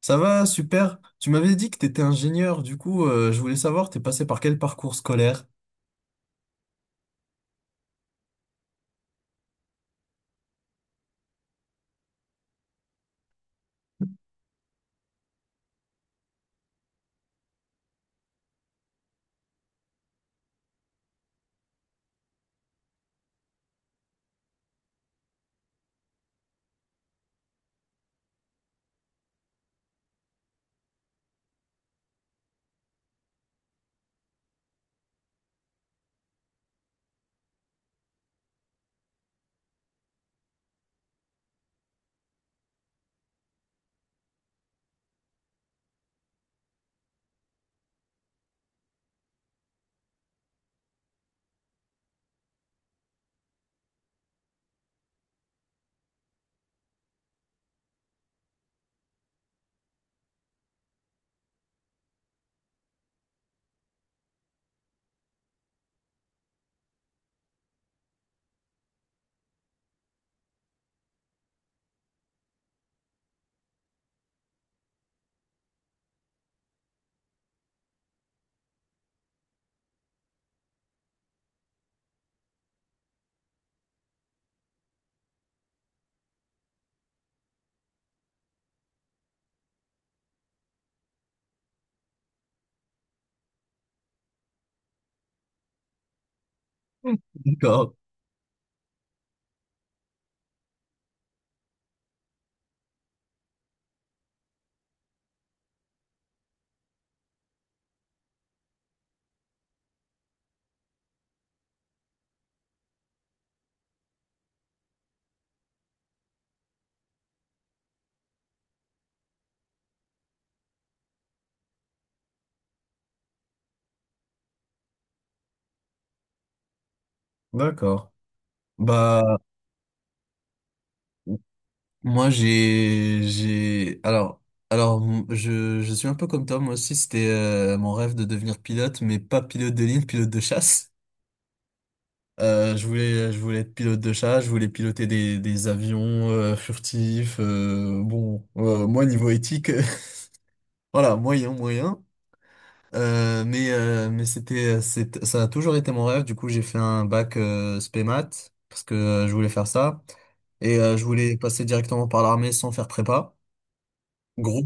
Ça va, super. Tu m'avais dit que tu étais ingénieur, du coup, je voulais savoir, t'es passé par quel parcours scolaire? D'accord. D'accord. Bah, moi, j'ai, alors, m- je suis un peu comme toi, moi aussi, c'était mon rêve de devenir pilote, mais pas pilote de ligne, pilote de chasse. Je voulais être pilote de chasse, je voulais piloter des avions furtifs. Bon, moi, niveau éthique, voilà, moyen, moyen. Mais ça a toujours été mon rêve. Du coup, j'ai fait un bac spé maths parce que je voulais faire ça. Et je voulais passer directement par l'armée sans faire prépa. Gros,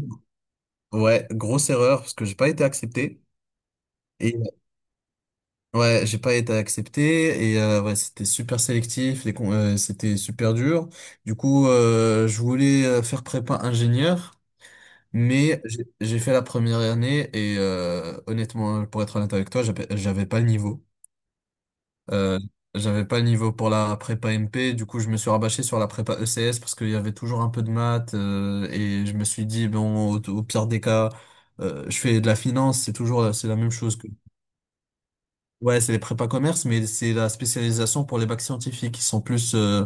ouais, grosse erreur parce que j'ai pas été accepté. Et ouais, j'ai pas été accepté et ouais, c'était super sélectif, c'était super dur. Du coup, je voulais faire prépa ingénieur, mais j'ai fait la première année et honnêtement, pour être honnête avec toi, j'avais pas le niveau. Euh, J'avais pas le niveau pour la prépa MP, du coup je me suis rabâché sur la prépa ECS parce qu'il y avait toujours un peu de maths et je me suis dit bon au pire des cas je fais de la finance, c'est toujours c'est la même chose que ouais c'est les prépas commerce mais c'est la spécialisation pour les bacs scientifiques qui sont plus euh,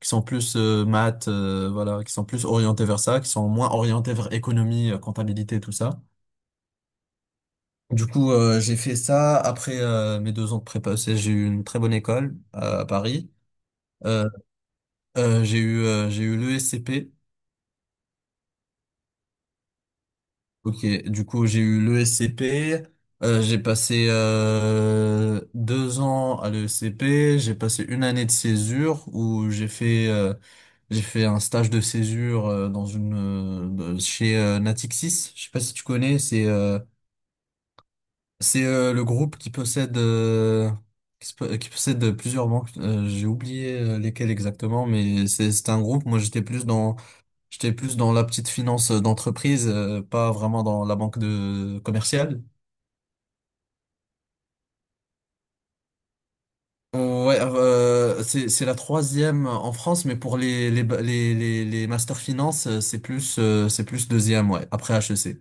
qui sont plus euh, maths voilà qui sont plus orientés vers ça, qui sont moins orientés vers économie, comptabilité tout ça. Du coup, j'ai fait ça. Après mes deux ans de prépa ECS, j'ai eu une très bonne école à Paris. Euh, j'ai eu l'ESCP. Ok, du coup j'ai eu l'ESCP. J'ai passé deux ans à l'ESCP. J'ai passé une année de césure où j'ai fait un stage de césure chez Natixis. Je sais pas si tu connais. C'est le groupe qui possède qui possède plusieurs banques. J'ai oublié lesquelles exactement, mais c'est un groupe. Moi j'étais plus dans J'étais plus dans la petite finance d'entreprise, pas vraiment dans la banque de commerciale. C'est la troisième en France, mais pour les master finance, c'est plus deuxième, ouais, après HEC.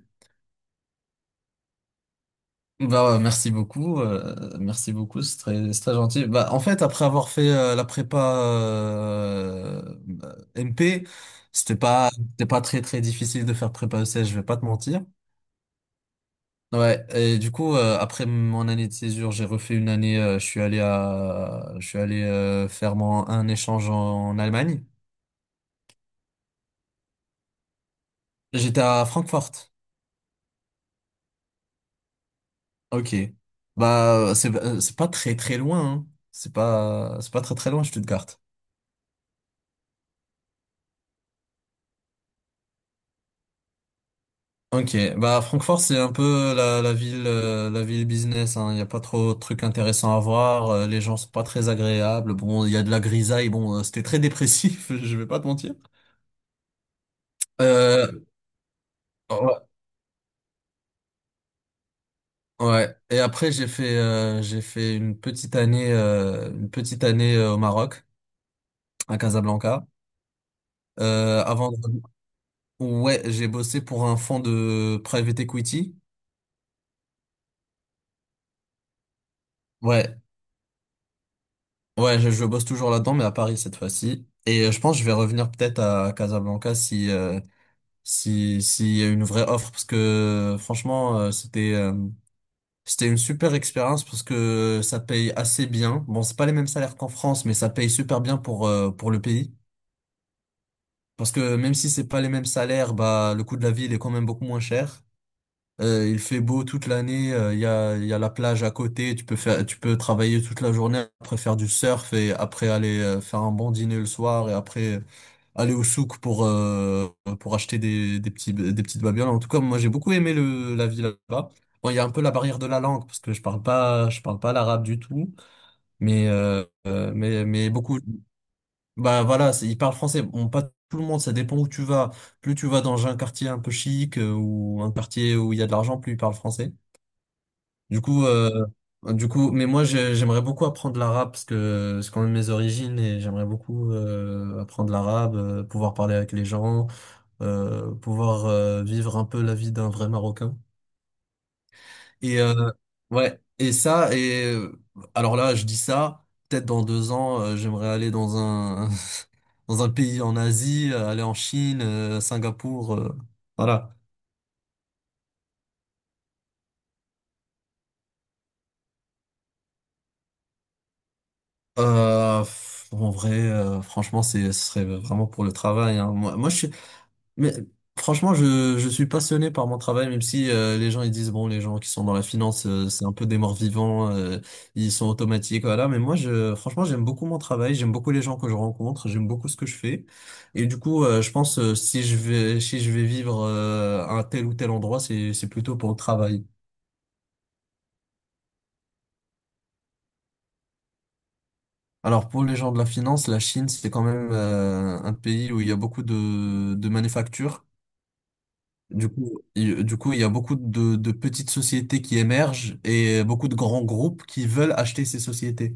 Bah ouais, merci beaucoup, c'est très gentil. Bah en fait, après avoir fait la prépa euh, MP, c'était pas très très difficile de faire prépa ECS, je vais pas te mentir. Ouais, et du coup, après mon année de césure, j'ai refait une année, je suis allé faire un échange en Allemagne. J'étais à Francfort. Ok. Bah, c'est pas très très loin, hein. C'est pas très très loin, Stuttgart. Ok. Bah, Francfort, c'est un peu la ville business, hein. Il y a pas trop de trucs intéressants à voir. Les gens sont pas très agréables. Bon, il y a de la grisaille. Bon, c'était très dépressif, je vais pas te mentir. Euh, Ouais. Et après, j'ai fait une petite année, au Maroc, à Casablanca. Avant de... Ouais, j'ai bossé pour un fonds de private equity. Ouais, je bosse toujours là-dedans, mais à Paris cette fois-ci. Et je pense que je vais revenir peut-être à Casablanca si, s'il y a une vraie offre, parce que c'était une super expérience parce que ça paye assez bien. Bon, c'est pas les mêmes salaires qu'en France, mais ça paye super bien pour le pays. Parce que même si c'est pas les mêmes salaires, bah le coût de la vie il est quand même beaucoup moins cher. Il fait beau toute l'année, il y a la plage à côté, tu peux travailler toute la journée, après faire du surf et après aller faire un bon dîner le soir et après aller au souk pour acheter des petites babioles. En tout cas, moi j'ai beaucoup aimé le la vie là-bas. Bon, il y a un peu la barrière de la langue parce que je parle pas l'arabe du tout, mais mais beaucoup bah voilà, c'est- ils parlent français. Bon, pas tout le monde, ça dépend où tu vas. Plus tu vas dans un quartier un peu chic ou un quartier où il y a de l'argent, plus ils parlent français. Du coup, euh, J'aimerais beaucoup apprendre l'arabe parce que c'est quand même mes origines et j'aimerais beaucoup apprendre l'arabe, pouvoir parler avec les gens, pouvoir vivre un peu la vie d'un vrai Marocain. Et ouais, et ça, et euh, alors là, je dis ça, peut-être dans deux ans, j'aimerais aller dans un dans un pays en Asie, aller en Chine, Singapour, voilà. Pff, en vrai, franchement, c'est ce serait vraiment pour le travail. Hein. Moi, moi, je suis Mais franchement, je suis passionné par mon travail, même si les gens ils disent, bon, les gens qui sont dans la finance, c'est un peu des morts vivants, ils sont automatiques, voilà. Mais moi, je, franchement, j'aime beaucoup mon travail, j'aime beaucoup les gens que je rencontre, j'aime beaucoup ce que je fais. Et du coup, je pense, si je vais, si je vais vivre à un tel ou tel endroit, c'est plutôt pour le travail. Alors pour les gens de la finance, la Chine, c'est quand même un pays où il y a beaucoup de manufactures. Du coup, il y a beaucoup de petites sociétés qui émergent et beaucoup de grands groupes qui veulent acheter ces sociétés.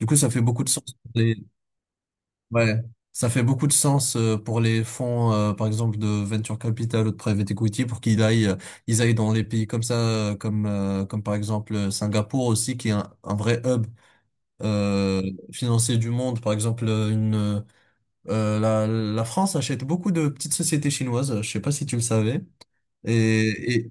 Du coup, ça fait beaucoup de sens. Ouais, ça fait beaucoup de sens pour les fonds, par exemple, de venture capital ou de private equity pour qu'ils aillent, ils aillent dans les pays comme ça, comme par exemple Singapour aussi, qui est un vrai hub euh, financier du monde. Par exemple, la France achète beaucoup de petites sociétés chinoises. Je sais pas si tu le savais. Et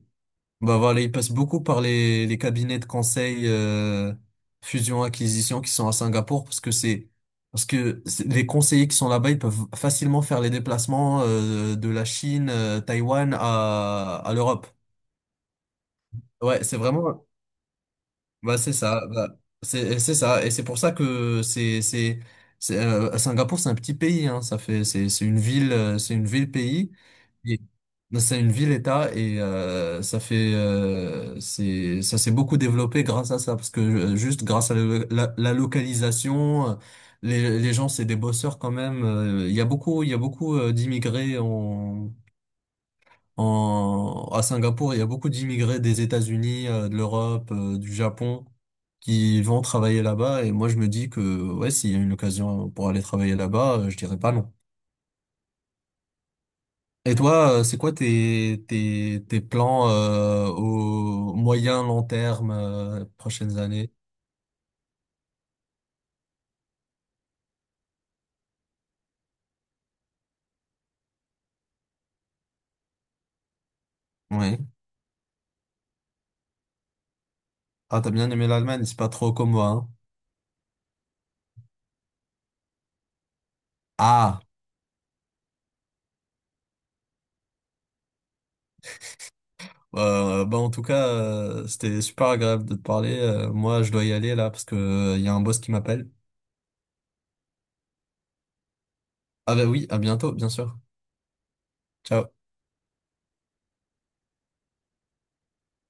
bah voilà, ils passent beaucoup par les cabinets de conseil fusion-acquisition qui sont à Singapour parce que c'est- les conseillers qui sont là-bas, ils peuvent facilement faire les déplacements de la Chine, Taïwan à l'Europe. Ouais, c'est vraiment c'est ça, bah, c'est ça et c'est pour ça que c'est, Singapour, c'est un petit pays hein, ça fait c'est une ville c'est une ville-pays et- c'est une ville-État et ça fait c'est ça s'est beaucoup développé grâce à ça parce que juste grâce à la localisation les gens c'est des bosseurs quand même il y a beaucoup d'immigrés en, en à Singapour il y a beaucoup d'immigrés des États-Unis de l'Europe du Japon qui vont travailler là-bas et moi je me dis que ouais s'il y a une occasion pour aller travailler là-bas je dirais pas non. Et toi, c'est quoi tes, tes, tes plans au moyen, long terme, prochaines années? Oui. Ah, t'as bien aimé l'Allemagne, c'est pas trop comme moi. Hein. Ah, Bah en tout cas, c'était super agréable de te parler. Moi, je dois y aller là parce que y a un boss qui m'appelle. Ah bah oui, à bientôt, bien sûr. Ciao.